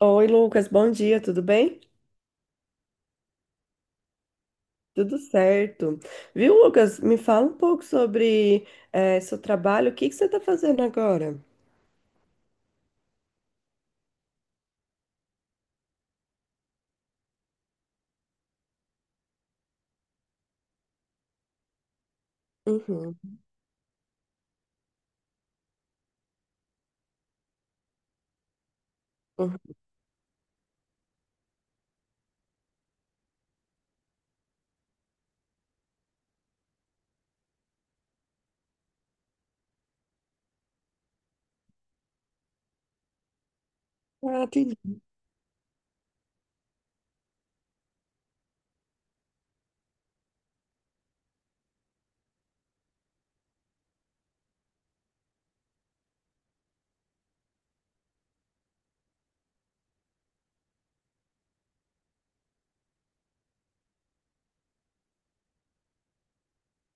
Oi, Lucas, bom dia, tudo bem? Tudo certo. Viu, Lucas? Me fala um pouco sobre seu trabalho, o que que você está fazendo agora? Uhum, uhum. Ah, entendi.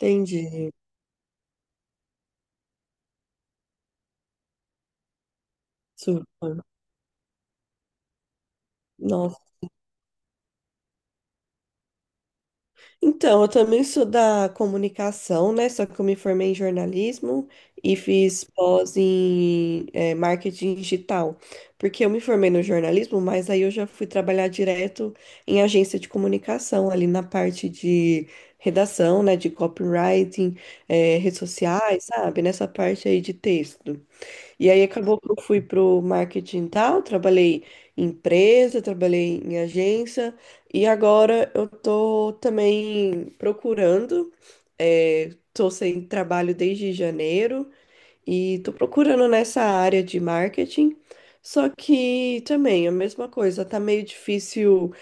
Entendi. Super. Então, eu também sou da comunicação, né? Só que eu me formei em jornalismo e fiz pós em marketing digital. Porque eu me formei no jornalismo, mas aí eu já fui trabalhar direto em agência de comunicação, ali na parte de redação, né? De copywriting, redes sociais, sabe? Nessa parte aí de texto. E aí acabou que eu fui pro marketing e tal, trabalhei em empresa, trabalhei em agência e agora eu tô também procurando, é, tô sem trabalho desde janeiro e tô procurando nessa área de marketing, só que também a mesma coisa, tá meio difícil.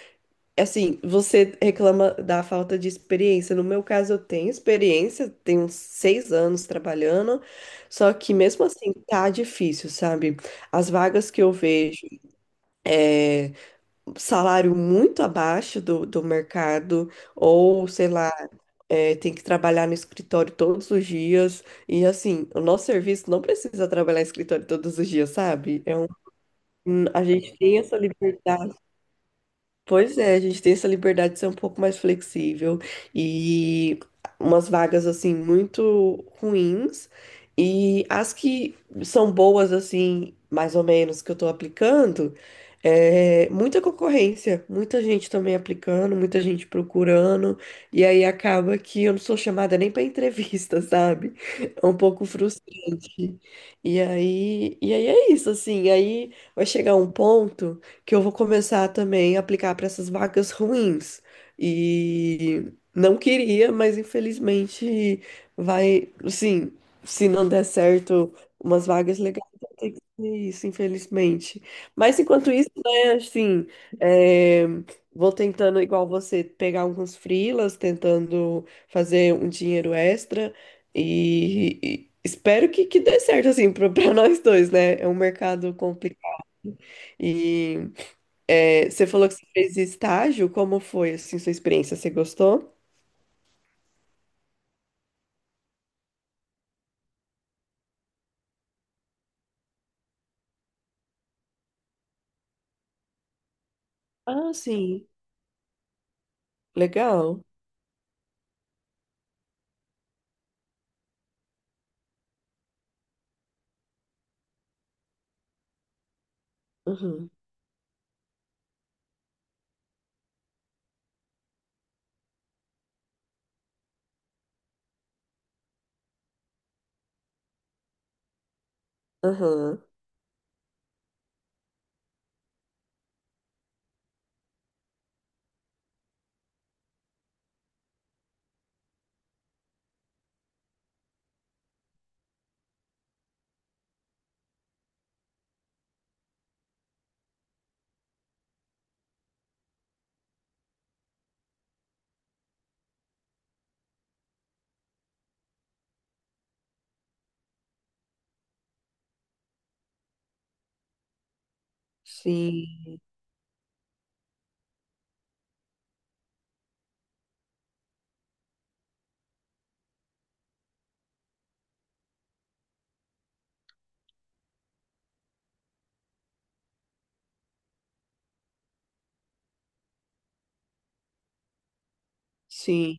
Assim, você reclama da falta de experiência. No meu caso, eu tenho experiência, tenho uns 6 anos trabalhando, só que mesmo assim tá difícil, sabe? As vagas que eu vejo, salário muito abaixo do mercado, ou sei lá, é, tem que trabalhar no escritório todos os dias. E assim, o nosso serviço não precisa trabalhar em escritório todos os dias, sabe? É um, a gente tem essa liberdade. Pois é, a gente tem essa liberdade de ser um pouco mais flexível e umas vagas assim muito ruins e as que são boas assim, mais ou menos que eu tô aplicando, é muita concorrência, muita gente também aplicando, muita gente procurando e aí acaba que eu não sou chamada nem para entrevista, sabe? É um pouco frustrante. E aí é isso assim, aí vai chegar um ponto que eu vou começar também a aplicar para essas vagas ruins. E não queria, mas infelizmente vai, assim, se não der certo umas vagas legais, vai ter que ser isso, infelizmente. Mas enquanto isso, né, assim, é, vou tentando, igual você, pegar alguns freelas, tentando fazer um dinheiro extra e. e espero que dê certo, assim, para nós dois, né? É um mercado complicado. E é, você falou que você fez estágio, como foi, assim, sua experiência? Você gostou? Ah, sim, legal. Uhum. Aham. Sim, sim,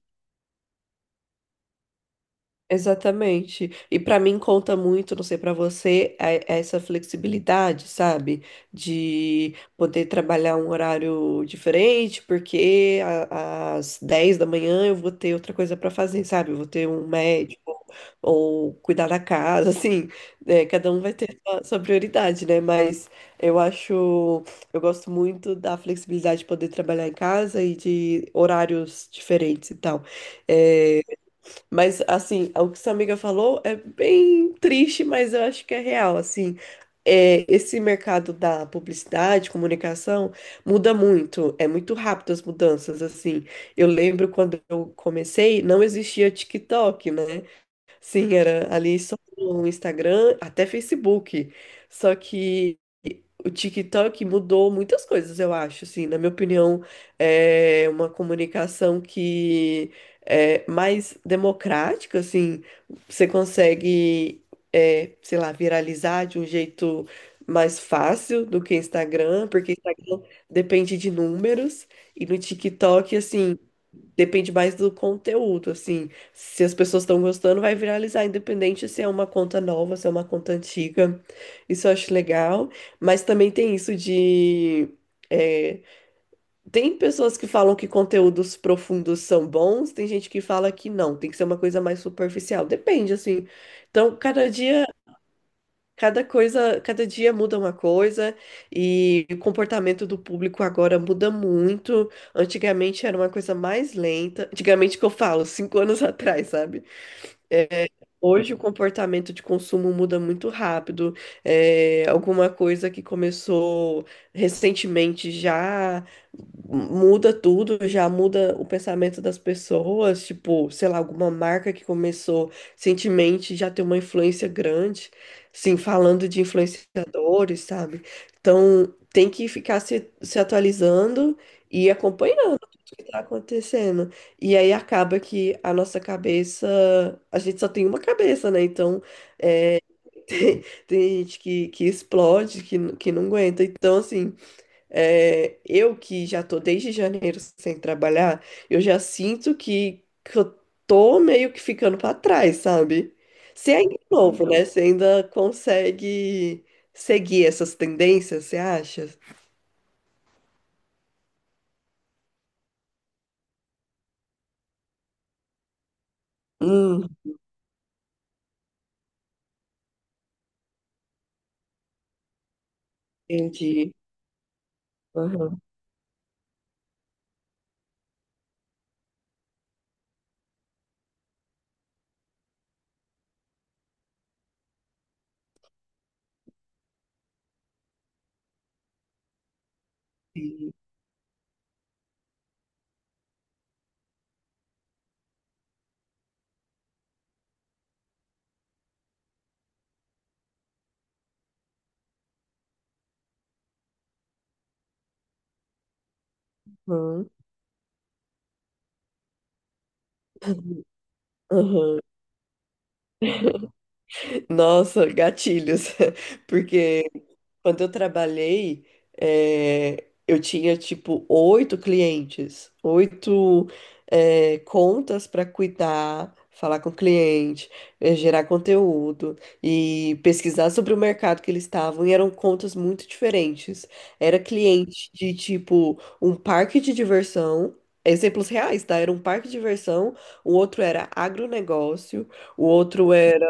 exatamente. E para mim conta muito, não sei para você, é essa flexibilidade, sabe? De poder trabalhar um horário diferente, porque às 10 da manhã eu vou ter outra coisa para fazer, sabe? Eu vou ter um médico. Ou cuidar da casa, assim, né? Cada um vai ter sua prioridade, né? Mas eu acho, eu gosto muito da flexibilidade de poder trabalhar em casa e de horários diferentes e tal. É, mas, assim, o que sua amiga falou é bem triste, mas eu acho que é real, assim. É, esse mercado da publicidade, comunicação, muda muito, é muito rápido as mudanças, assim. Eu lembro quando eu comecei, não existia TikTok, né? Sim, era ali só no Instagram, até Facebook. Só que o TikTok mudou muitas coisas, eu acho, assim, na minha opinião, é uma comunicação que é mais democrática, assim, você consegue, é, sei lá, viralizar de um jeito mais fácil do que Instagram, porque Instagram depende de números, e no TikTok, assim, depende mais do conteúdo, assim. Se as pessoas estão gostando, vai viralizar, independente se é uma conta nova, se é uma conta antiga. Isso eu acho legal. Mas também tem isso de. É, tem pessoas que falam que conteúdos profundos são bons, tem gente que fala que não, tem que ser uma coisa mais superficial. Depende, assim. Então, cada dia, cada coisa, cada dia muda uma coisa e o comportamento do público agora muda muito. Antigamente era uma coisa mais lenta. Antigamente que eu falo, 5 anos atrás, sabe? Hoje o comportamento de consumo muda muito rápido. É, alguma coisa que começou recentemente já muda tudo, já muda o pensamento das pessoas. Tipo, sei lá, alguma marca que começou recentemente já tem uma influência grande. Sim, falando de influenciadores, sabe? Então tem que ficar se atualizando e acompanhando tá acontecendo? E aí acaba que a nossa cabeça, a gente só tem uma cabeça, né? Então tem, tem gente que explode, que não aguenta. Então, assim, é, eu que já tô desde janeiro sem trabalhar, eu já sinto que eu tô meio que ficando pra trás, sabe? Você ainda é novo, né? Você ainda consegue seguir essas tendências, você acha? Hum, entendi. Aham. Sim. Aham. Aham. Nossa, gatilhos. Porque quando eu trabalhei, eu tinha tipo oito clientes, oito, contas para cuidar, falar com o cliente, gerar conteúdo e pesquisar sobre o mercado que eles estavam. E eram contas muito diferentes. Era cliente de tipo um parque de diversão. Exemplos reais, tá? Era um parque de diversão, o outro era agronegócio, o outro era,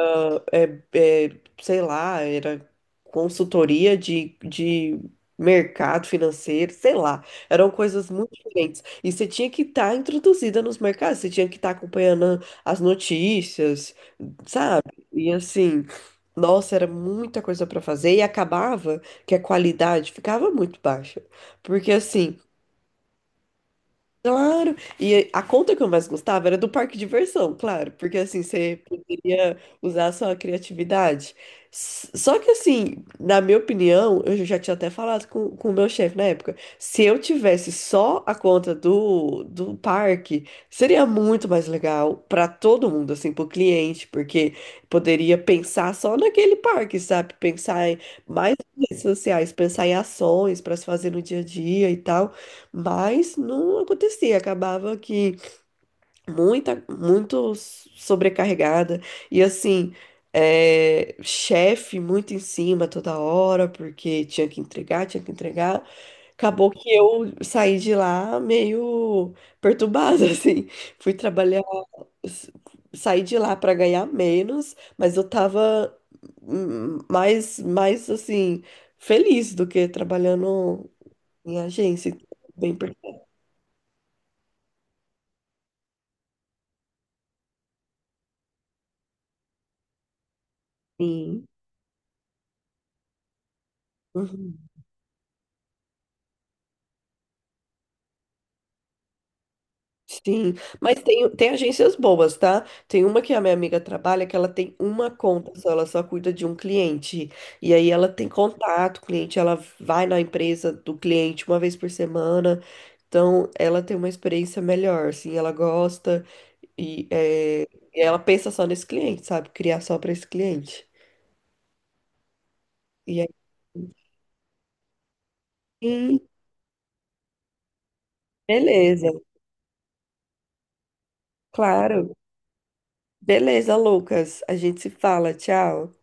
eh, eh, sei lá, era consultoria de mercado financeiro, sei lá. Eram coisas muito diferentes. E você tinha que estar introduzida nos mercados, você tinha que estar acompanhando as notícias, sabe? E assim, nossa, era muita coisa para fazer e acabava que a qualidade ficava muito baixa. Porque assim, claro! E a conta que eu mais gostava era do parque de diversão, claro, porque assim você poderia usar a sua criatividade. Só que assim, na minha opinião, eu já tinha até falado com o meu chefe na época, se eu tivesse só a conta do parque, seria muito mais legal para todo mundo, assim, para o cliente, porque poderia pensar só naquele parque, sabe? Pensar em mais redes sociais, pensar em ações para se fazer no dia a dia e tal. Mas não acontecia, acabava que muita, muito sobrecarregada e assim, é, chefe muito em cima toda hora, porque tinha que entregar, tinha que entregar. Acabou que eu saí de lá meio perturbada, assim. Fui trabalhar, s- saí de lá para ganhar menos, mas eu tava mais assim, feliz do que trabalhando em agência. Bem perturbada. Uhum. Sim, mas tem agências boas, tá? Tem uma que a minha amiga trabalha que ela tem uma conta só, ela só cuida de um cliente. E aí ela tem contato, cliente, ela vai na empresa do cliente uma vez por semana. Então ela tem uma experiência melhor, assim, ela gosta e, é, e ela pensa só nesse cliente, sabe? Criar só para esse cliente. E aí, sim, beleza, claro. Beleza, Lucas. A gente se fala, tchau.